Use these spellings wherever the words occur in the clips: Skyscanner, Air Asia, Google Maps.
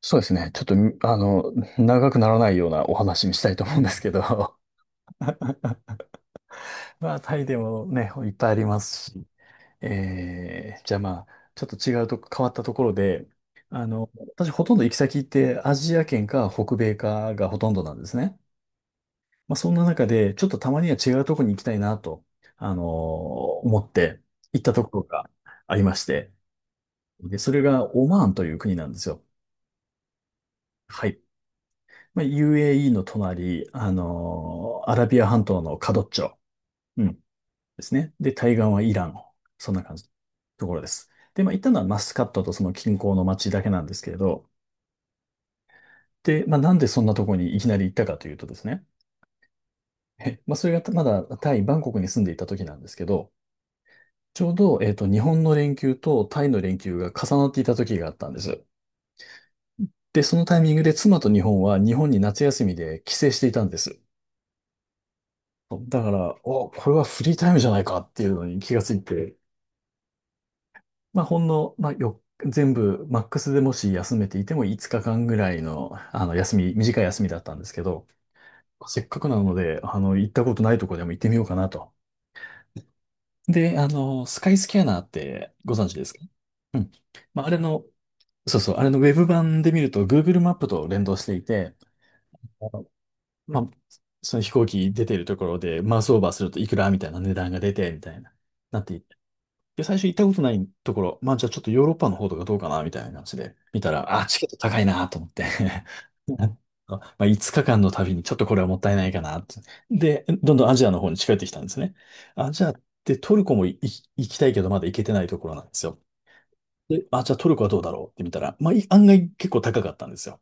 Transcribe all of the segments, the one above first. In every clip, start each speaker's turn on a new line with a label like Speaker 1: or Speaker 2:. Speaker 1: そうですね。ちょっと、長くならないようなお話にしたいと思うんですけど、まあ、タイでもね、いっぱいありますし、じゃあまあ、ちょっと違うとこ、変わったところで、あの、私ほとんど行き先ってアジア圏か北米かがほとんどなんですね。まあ、そんな中で、ちょっとたまには違うところに行きたいなと、あの、思って行ったところがありまして、で、それがオマーンという国なんですよ。はい。まあ、UAE の隣、アラビア半島のカドッチョ、うん、ですね。で、対岸はイラン。そんな感じのところです。で、まあ、行ったのはマスカットとその近郊の町だけなんですけれど、で、まあ、なんでそんなところにいきなり行ったかというとですね、まあ、それがまだタイ、バンコクに住んでいた時なんですけど、ちょうど、日本の連休とタイの連休が重なっていた時があったんです。で、そのタイミングで妻と日本は日本に夏休みで帰省していたんです。だから、お、これはフリータイムじゃないかっていうのに気がついて、まあ、ほんの、まあ、よ、全部、マックスでもし休めていても5日間ぐらいの、休み、短い休みだったんですけど、せっかくなので、行ったことないとこでも行ってみようかなと。で、スカイスキャナーってご存知ですか？うん。まあ、あれの、そうそう、あれのウェブ版で見ると Google マップと連動していて、あのまあ、その飛行機出てるところでマウスオーバーするといくらみたいな値段が出て、みたいな。なって、で、最初行ったことないところ、まあじゃあちょっとヨーロッパの方とかどうかな、みたいな感じで見たら、あ、チケット高いなと思って。 まあ5日間の旅にちょっとこれはもったいないかなって。で、どんどんアジアの方に近寄ってきたんですね。アジアってトルコも行きたいけどまだ行けてないところなんですよ。で、あ、じゃあトルコはどうだろうって見たら、まあい案外結構高かったんですよ。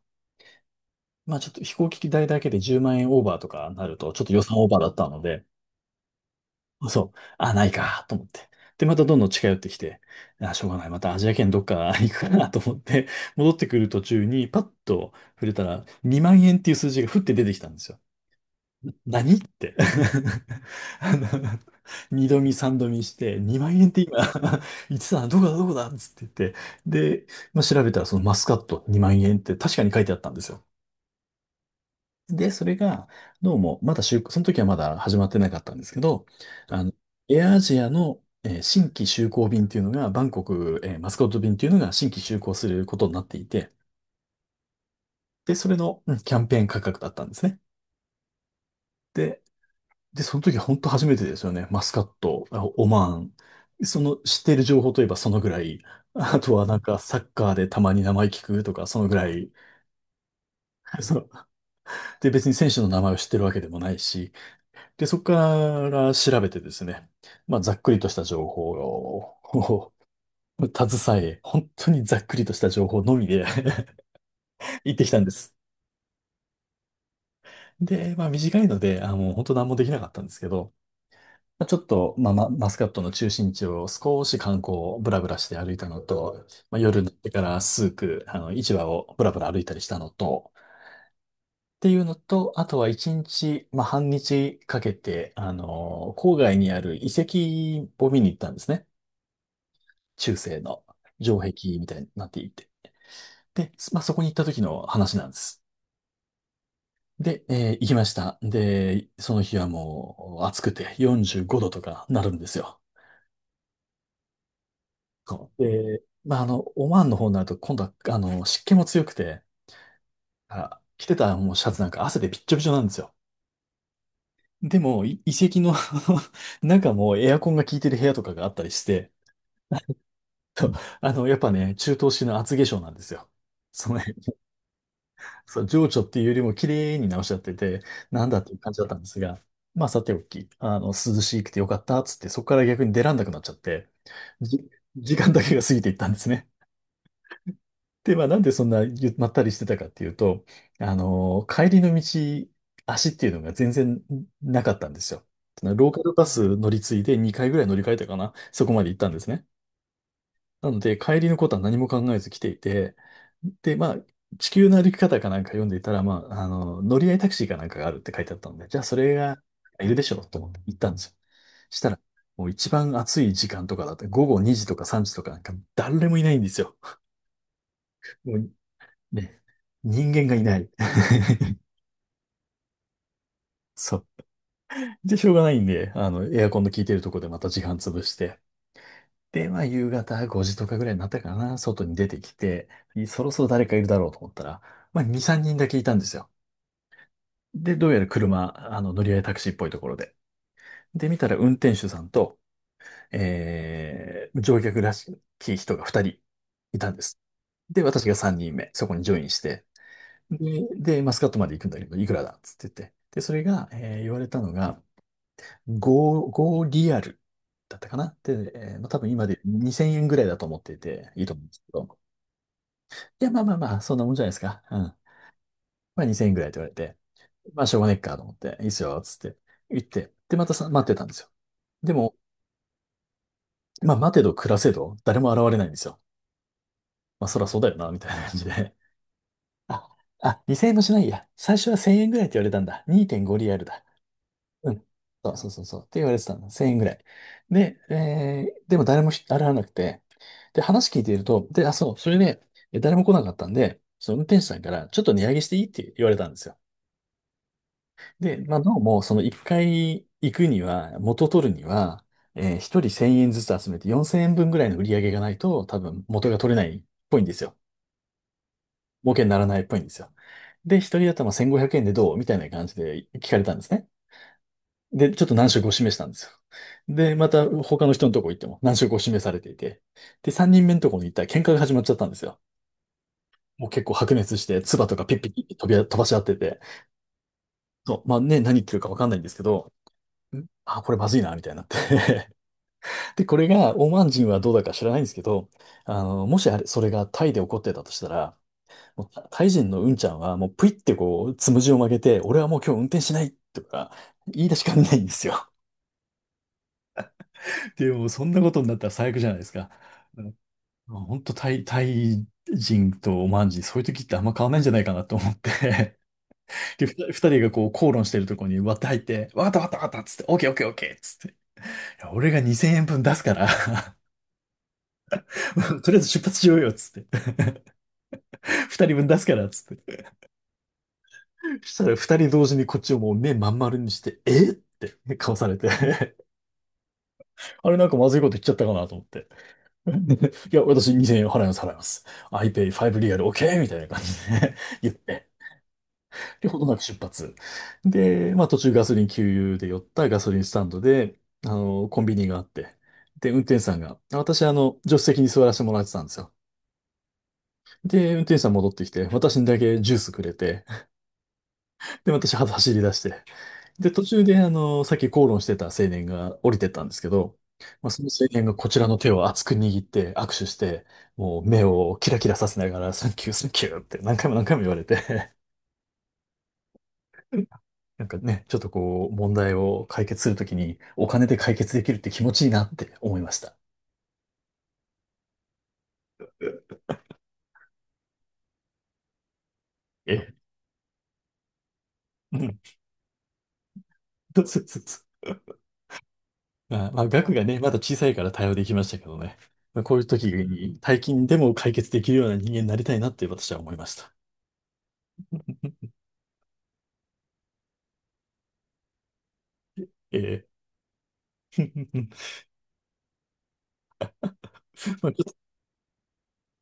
Speaker 1: まあちょっと飛行機代だけで10万円オーバーとかなると、ちょっと予算オーバーだったので、そう。あ、ないか、と思って。で、またどんどん近寄ってきて、あ、しょうがない。またアジア圏どっか 行くかなと思って、戻ってくる途中にパッと触れたら、2万円っていう数字がふって出てきたんですよ。何って。あの、二度見三度見して、2万円って今 言ってたのどこだどこだっつって言って、で、まあ、調べたらそのマスカット2万円って確かに書いてあったんですよ。で、それが、どうも、まだ就、その時はまだ始まってなかったんですけど、あの、エアアジアの、新規就航便っていうのが、バンコク、マスコット便っていうのが新規就航することになっていて、で、それの、キャンペーン価格だったんですね。で、で、その時本当初めてですよね。マスカット、あオマーン。その知っている情報といえばそのぐらい。あとはなんかサッカーでたまに名前聞くとか、そのぐらい。そう。で、別に選手の名前を知ってるわけでもないし、で、そこから調べてですね、まあ、ざっくりとした情報を 携え、本当にざっくりとした情報のみで 行ってきたんです。で、まあ、短いので、あ、もう本当何もできなかったんですけど、まあ、ちょっと、まあ、まマスカットの中心地を少し観光をブラブラして歩いたのと、まあ、夜になってから数区、市場をブラブラ歩いたりしたのと、っていうのと、あとは一日、まあ、半日かけて、郊外にある遺跡を見に行ったんですね。中世の城壁みたいになっていて。で、まあ、そこに行った時の話なんです。で、行きました。で、その日はもう暑くて45度とかなるんですよ。そう。で、まあ、オマーンの方になると今度は、湿気も強くて、あ、着てたもうシャツなんか汗でびっちょびちょなんですよ。でも、遺跡の 中もエアコンが効いてる部屋とかがあったりして、やっぱね、中東式の厚化粧なんですよ。そのそう、情緒っていうよりも綺麗に直しちゃってて、なんだっていう感じだったんですが、まあさておき、涼しくてよかったっつって、そこから逆に出らんなくなっちゃって、じ、時間だけが過ぎていったんですね。で、まあなんでそんなまったりしてたかっていうと、帰りの道、足っていうのが全然なかったんですよ。ローカルバス乗り継いで2回ぐらい乗り換えたかな、そこまで行ったんですね。なので、帰りのことは何も考えず来ていて、で、まあ、地球の歩き方かなんか読んでいたら、まあ、乗り合いタクシーかなんかがあるって書いてあったので、じゃあそれがいるでしょうと思って行ったんですよ。したら、もう一番暑い時間とかだって、午後2時とか3時とかなんか誰もいないんですよ。もうね、人間がいない。そう。で、しょうがないんで、エアコンの効いてるとこでまた時間潰して、で、まあ、夕方5時とかぐらいになったかな、外に出てきて、そろそろ誰かいるだろうと思ったら、まあ、2、3人だけいたんですよ。で、どうやら車、乗り合いタクシーっぽいところで。で、見たら運転手さんと、乗客らしき人が2人いたんです。で、私が3人目、そこにジョインして、で、でマスカットまで行くんだけど、いくらだっつって言って。で、それが、言われたのが、5リアルだったかな、で、まあ、多分今で2000円ぐらいだと思っていて、いいと思うんですけど、いや、まあまあまあ、そんなもんじゃないですか。うん。まあ2000円ぐらいって言われて、まあしょうがねっかと思って、いいっすよ、つって言って、で、またさ、待ってたんですよ。でも、まあ待てど暮らせど、誰も現れないんですよ。まあそらそうだよな、みたいな感じで。あ、あ、2000円もしないや。最初は1000円ぐらいって言われたんだ。2.5リアルだ。うん。そうそうそうそう。って言われてたんだ。1000円ぐらい。で、でも誰も現れなくて、で、話聞いていると、で、あ、そう、それで、誰も来なかったんで、その運転手さんから、ちょっと値上げしていいって言われたんですよ。で、まあ、どうも、その一回行くには、元取るには、一人1000円ずつ集めて4000円分ぐらいの売り上げがないと、多分元が取れないっぽいんですよ。儲けにならないっぽいんですよ。で、一人頭1500円でどうみたいな感じで聞かれたんですね。で、ちょっと難色を示したんですよ。で、また他の人のとこ行っても難色を示されていて。で、3人目のとこに行ったら喧嘩が始まっちゃったんですよ。もう結構白熱して、唾とかピッピッピッピッ飛ばし合ってて。そう、まあね、何言ってるかわかんないんですけど、これまずいな、みたいになって で、これが、オマーン人はどうだか知らないんですけど、もしそれがタイで起こってたとしたら、もうタイ人のうんちゃんは、もうぷいってこう、つむじを曲げて、俺はもう今日運転しないとか、言い出しかねないんですよ。で、もうそんなことになったら最悪じゃないですか。うん。本当、タイ人とオマーン人、そういう時ってあんま変わらないんじゃないかなと思って、で、二人がこう、口論してるところに割って入って、わかったわかったわかったっつって、オッケーオッケーオッケーっつって、いや俺が2000円分出すから とりあえず出発しようよっつって。二人分出すから、つって。したら二人同時にこっちをもう目まん丸にして、えって顔されて あれなんかまずいこと言っちゃったかなと思って。いや、私2000円払います、払います。iPay5 リアル OK! みたいな感じで 言って、で、ほどなく出発。で、まあ途中ガソリン給油で寄ったガソリンスタンドで、コンビニがあって、で、運転手さんが、私助手席に座らせてもらってたんですよ。で、運転手さん戻ってきて、私にだけジュースくれて、で、私は走り出して、で、途中で、さっき口論してた青年が降りてったんですけど、まあ、その青年がこちらの手を熱く握って握手して、もう目をキラキラさせながら、サンキュー、サンキューって何回も何回も言われて、なんかね、ちょっとこう、問題を解決するときに、お金で解決できるって気持ちいいなって思いました。え、うん。そうそうそうそう。まあ、まあ、額がね、まだ小さいから対応できましたけどね。まあ、こういう時に、大金でも解決できるような人間になりたいなって私は思いました。ええ。まあ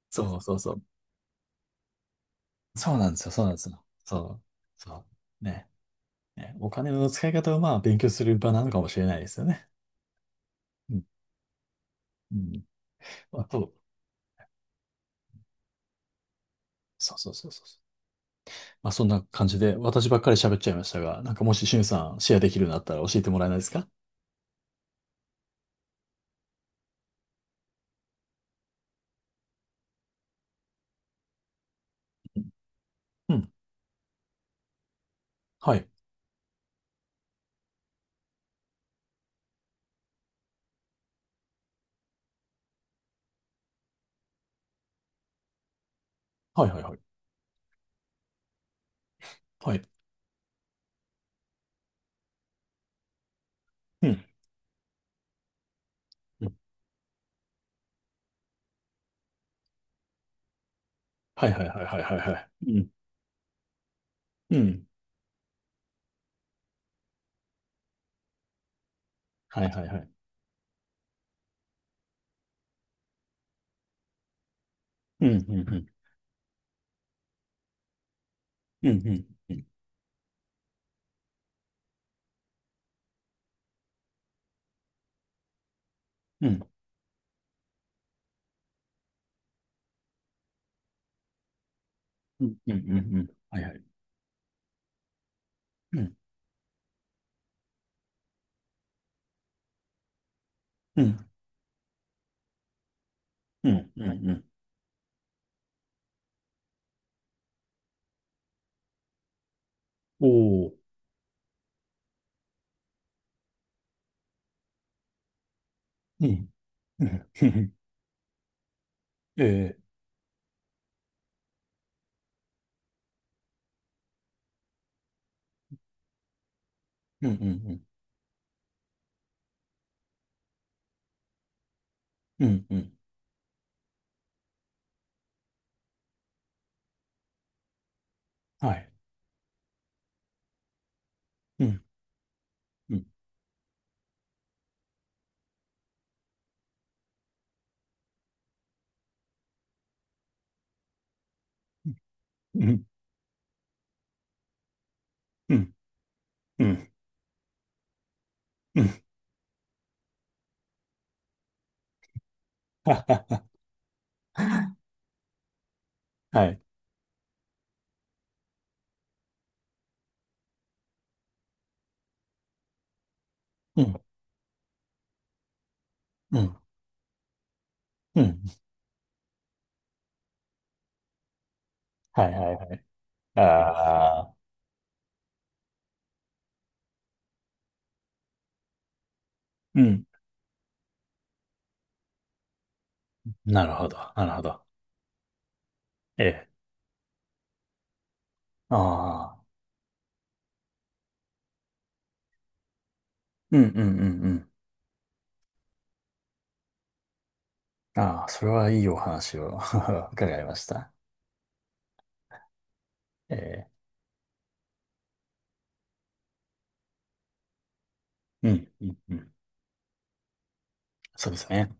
Speaker 1: そうそうそう。そうなんですよ、そうなんですよ。そう、そう。ね。ね、お金の使い方をまあ勉強する場なのかもしれないですよね。うん。うん。あと、そうそうそうそうそう。まあそんな感じで、私ばっかり喋っちゃいましたが、なんかもししゅんさんシェアできるようになったら教えてもらえないですか。うん、うん。はい。はい、はい、はい。はい。うん。うん、はい、はい、はい、はい、はい、はい。うん。うん。はい、はい、はい。うん。うん。うん。うん。うん。うん。うん。うん。うん、うん、はい、はい。うん。うん。うん。うん。うん。おー。うん。うん、うん、ええ、うん、うん、うん、うん、うん、はい、うん、うん、うん、うん、うん、うん、はは、はい、うん、うん、うん、はい、はい、はい、ああ、うん、なるほど、なるほど、ええ、ああ、うん、うん、うん、うん、ああ、それはいいお話を 伺いました。ええ、うん、うん、うん、そうですね。